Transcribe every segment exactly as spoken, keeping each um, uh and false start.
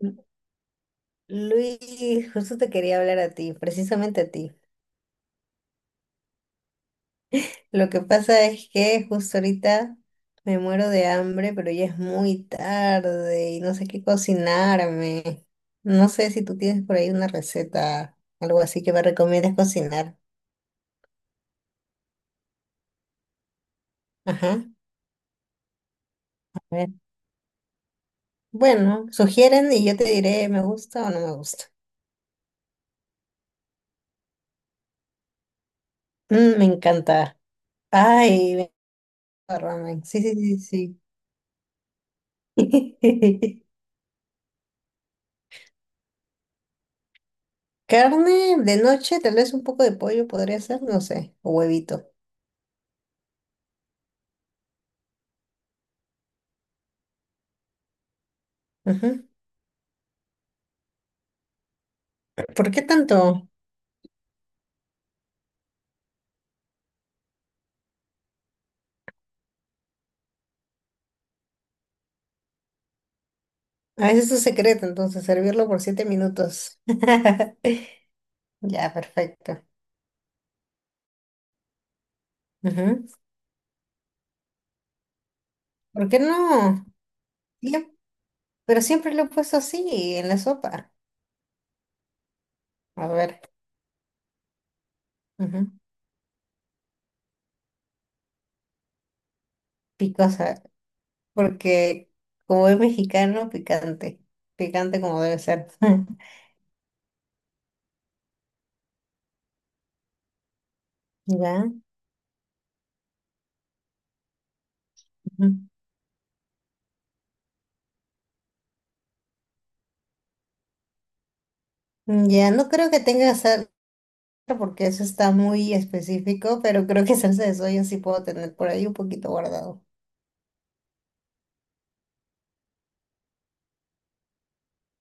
Lu- Luis, justo te quería hablar a ti, precisamente a ti. Lo que pasa es que justo ahorita me muero de hambre, pero ya es muy tarde y no sé qué cocinarme. No sé si tú tienes por ahí una receta, algo así que me recomiendas cocinar. Ajá. A ver. Bueno, sugieren y yo te diré, ¿me gusta o no me gusta? Mm, me encanta. Ay, me encanta ramen. Sí, sí, sí, sí. Carne de noche, tal vez un poco de pollo podría ser, no sé, o huevito. Ujú. ¿Por qué tanto? Ah, ese es su secreto, entonces, servirlo por siete minutos. Ya, perfecto. Ujú. ¿Por qué no? Le- Pero siempre lo he puesto así, en la sopa. A ver, ujú. Picosa, porque como es mexicano, picante. Picante como debe ser. Ya, ujú. Ya, no creo que tenga sal- porque eso está muy específico, pero creo que salsa de soya sí puedo tener por ahí un poquito guardado.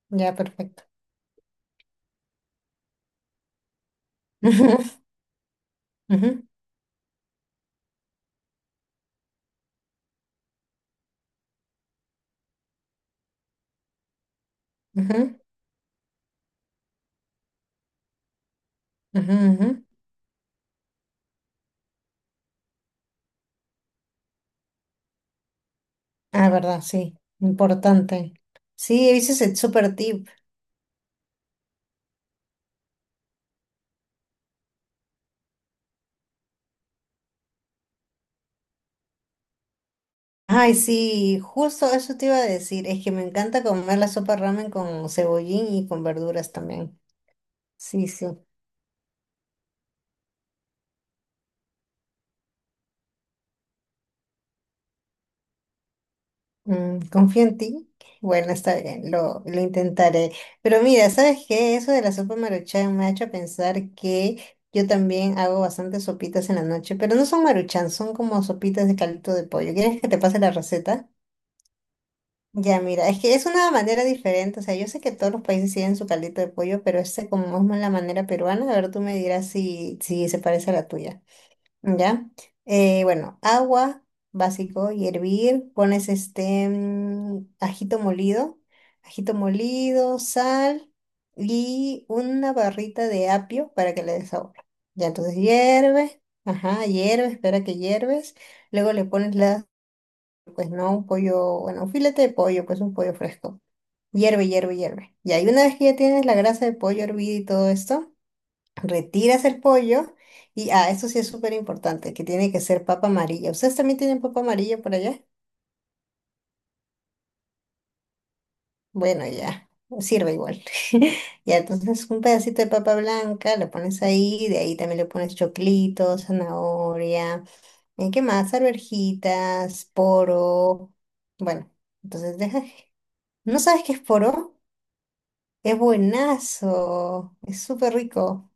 Ya, perfecto. Ujú, ujú, ujú, ujú, ujú. Ah, verdad, sí, importante. Sí, ese es el super tip. Ay, sí, justo eso te iba a decir, es que me encanta comer la sopa ramen con cebollín y con verduras también. Sí, sí. Mm, confío en ti. Bueno, está bien, lo, lo intentaré. Pero mira, ¿sabes qué? Eso de la sopa maruchan me ha hecho pensar que yo también hago bastantes sopitas en la noche, pero no son maruchan, son como sopitas de caldito de pollo. ¿Quieres que te pase la receta? Ya, mira, es que es una manera diferente. O sea, yo sé que todos los países tienen su caldito de pollo, pero este como es más la manera peruana, a ver, tú me dirás si, si se parece a la tuya. ¿Ya? Eh, bueno, agua básico y hervir. Pones este mm, ajito molido, ajito molido, sal y una barrita de apio para que le dé sabor. Ya, entonces hierve, ajá, hierve, espera que hierves. Luego le pones la, pues no, un pollo, bueno, un filete de pollo, pues un pollo fresco. Hierve, hierve, hierve. Ya, y una vez que ya tienes la grasa de pollo hervida y todo esto, retiras el pollo y, ah, eso sí es súper importante, que tiene que ser papa amarilla. ¿Ustedes también tienen papa amarilla por allá? Bueno, ya, sirve igual. Ya, entonces un pedacito de papa blanca lo pones ahí, de ahí también le pones choclito, zanahoria, ¿en qué más? Arvejitas, poro. Bueno, entonces deja. ¿No sabes qué es poro? Es buenazo, es súper rico.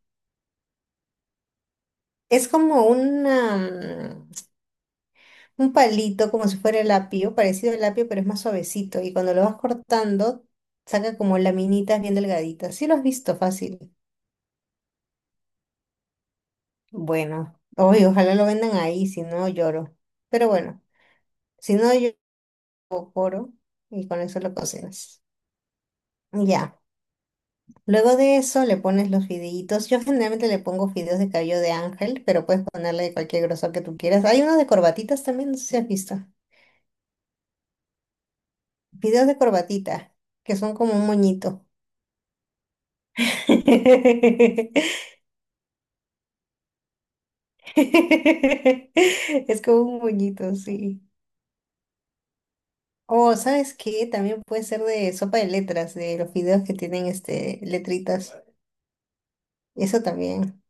Es como una... un palito como si fuera el apio, parecido al apio, pero es más suavecito. Y cuando lo vas cortando, saca como laminitas bien delgaditas. Sí lo has visto fácil. Bueno, hoy ojalá lo vendan ahí, si no lloro. Pero bueno, si no yo coro y con eso lo cocinas. Ya. Luego de eso le pones los fideitos. Yo generalmente le pongo fideos de cabello de ángel, pero puedes ponerle de cualquier grosor que tú quieras. Hay unos de corbatitas también, no sé si has visto. Fideos de corbatita, que son como un moñito. Es como un moñito, sí. O, ¿sabes qué? También puede ser de sopa de letras, de los videos que tienen este, letritas. Eso también.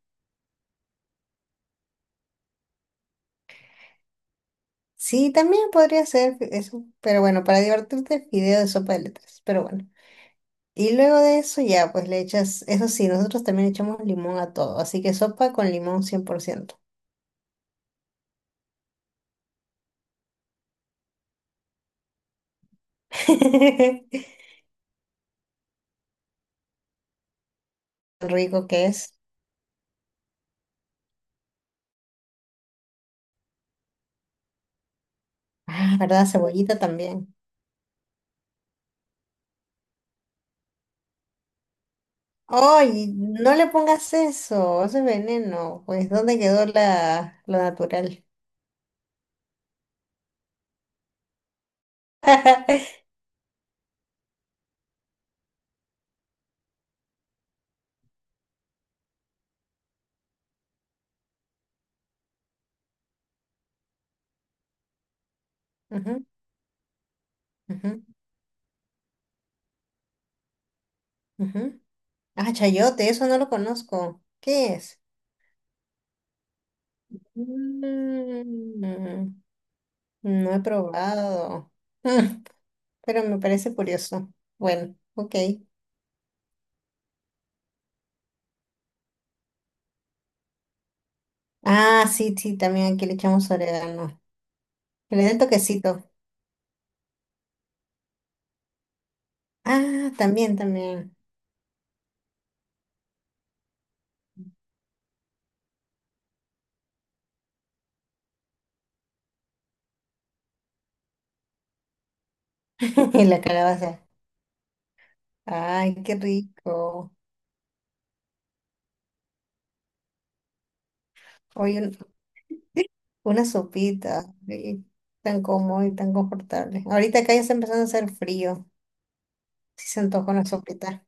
Sí, también podría ser eso. Pero bueno, para divertirte, video de sopa de letras. Pero bueno. Y luego de eso ya, pues le echas, eso sí, nosotros también echamos limón a todo. Así que sopa con limón cien por ciento. Tan rico que es. Ah, ¿verdad? Cebollita también. Oye, no le pongas eso, eso es veneno. Pues, ¿dónde quedó la, lo natural? Ujú, ujú, ujú. Ah, chayote, eso no lo conozco. ¿Qué es? Mm, no he probado. Mm, pero me parece curioso. Bueno, ok. Ah, sí, sí, también aquí le echamos orégano. Que le den toquecito. Ah, también, también. Y la calabaza. Ay, qué rico. Hoy una sopita, ay, tan cómodo y tan confortable. Ahorita acá ya está empezando a hacer frío. Si se antoja una sopita.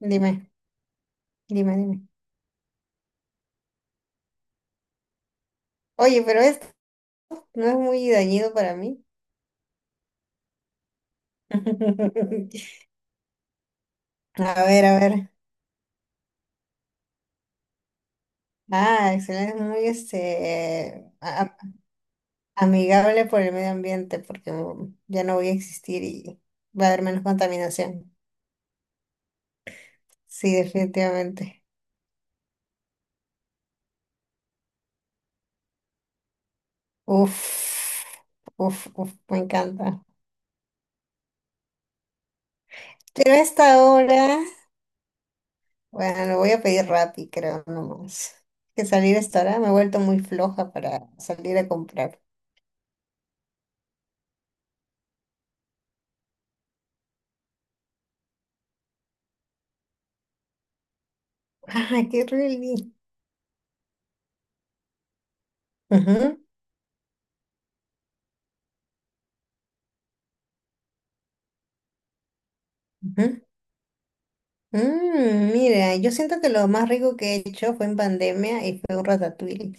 Dime, dime, dime. Oye, pero esto no es muy dañino para mí. A ver, a ver. Ah, excelente, es muy este, a- amigable por el medio ambiente porque mm, ya no voy a existir y va a haber menos contaminación. Sí, definitivamente. Uf, uf, uf, me encanta. Pero a esta hora. Bueno, lo voy a pedir Rappi, creo, nomás. Que salir hasta ahora me he vuelto muy floja para salir a comprar. ¡Ah, qué rico! Ujú, ujú. Mm, mira, yo siento que lo más rico que he hecho fue en pandemia y fue un ratatouille.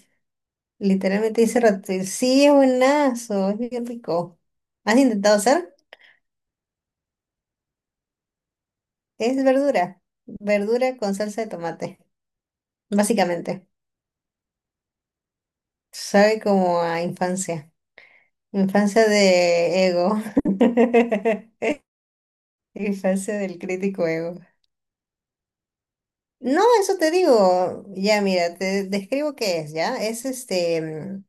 Literalmente hice ratatouille. Sí, es buenazo, es bien rico. ¿Has intentado hacer? Es verdura. Verdura con salsa de tomate, básicamente. Sabe como a infancia. Infancia de ego. El falso del crítico ego. No, eso te digo. Ya, mira, te describo qué es, ¿ya? Es este... mm,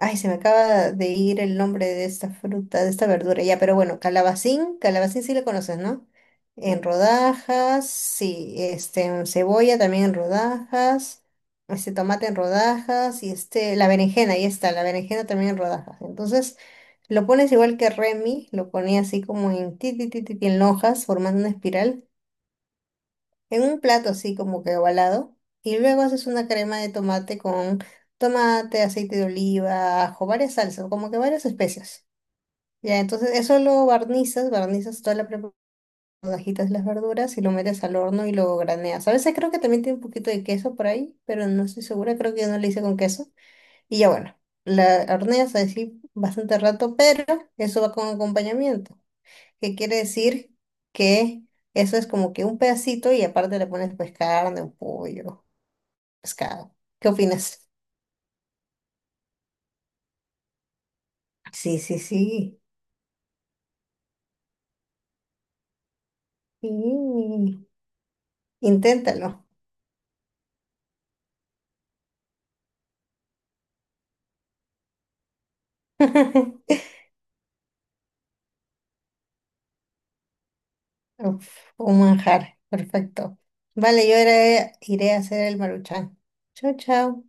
Ay, se me acaba de ir el nombre de esta fruta, de esta verdura, ya, pero bueno, calabacín, calabacín sí le conoces, ¿no? En rodajas, sí, este, en cebolla también en rodajas, este tomate en rodajas y este, la berenjena, ahí está, la berenjena también en rodajas. Entonces, lo pones igual que Remy, lo ponía así como en ti, ti, ti, ti, ti, en hojas, formando una espiral. En un plato así como que ovalado y luego haces una crema de tomate con tomate, aceite de oliva, ajo, varias salsas, como que varias especias. Ya, entonces eso lo barnizas, barnizas toda la preparación, agitas las verduras y lo metes al horno y lo graneas. A veces creo que también tiene un poquito de queso por ahí, pero no estoy segura, creo que yo no le hice con queso. Y ya bueno, la horneas así bastante rato, pero eso va con acompañamiento, ¿que quiere decir? Que eso es como que un pedacito y aparte le pones pues carne, un pollo, pescado. ¿Qué opinas? Sí, sí, sí. Sí. Inténtalo. Uf, un manjar. Perfecto. Vale, yo iré, iré a hacer el maruchan. Chao, chao.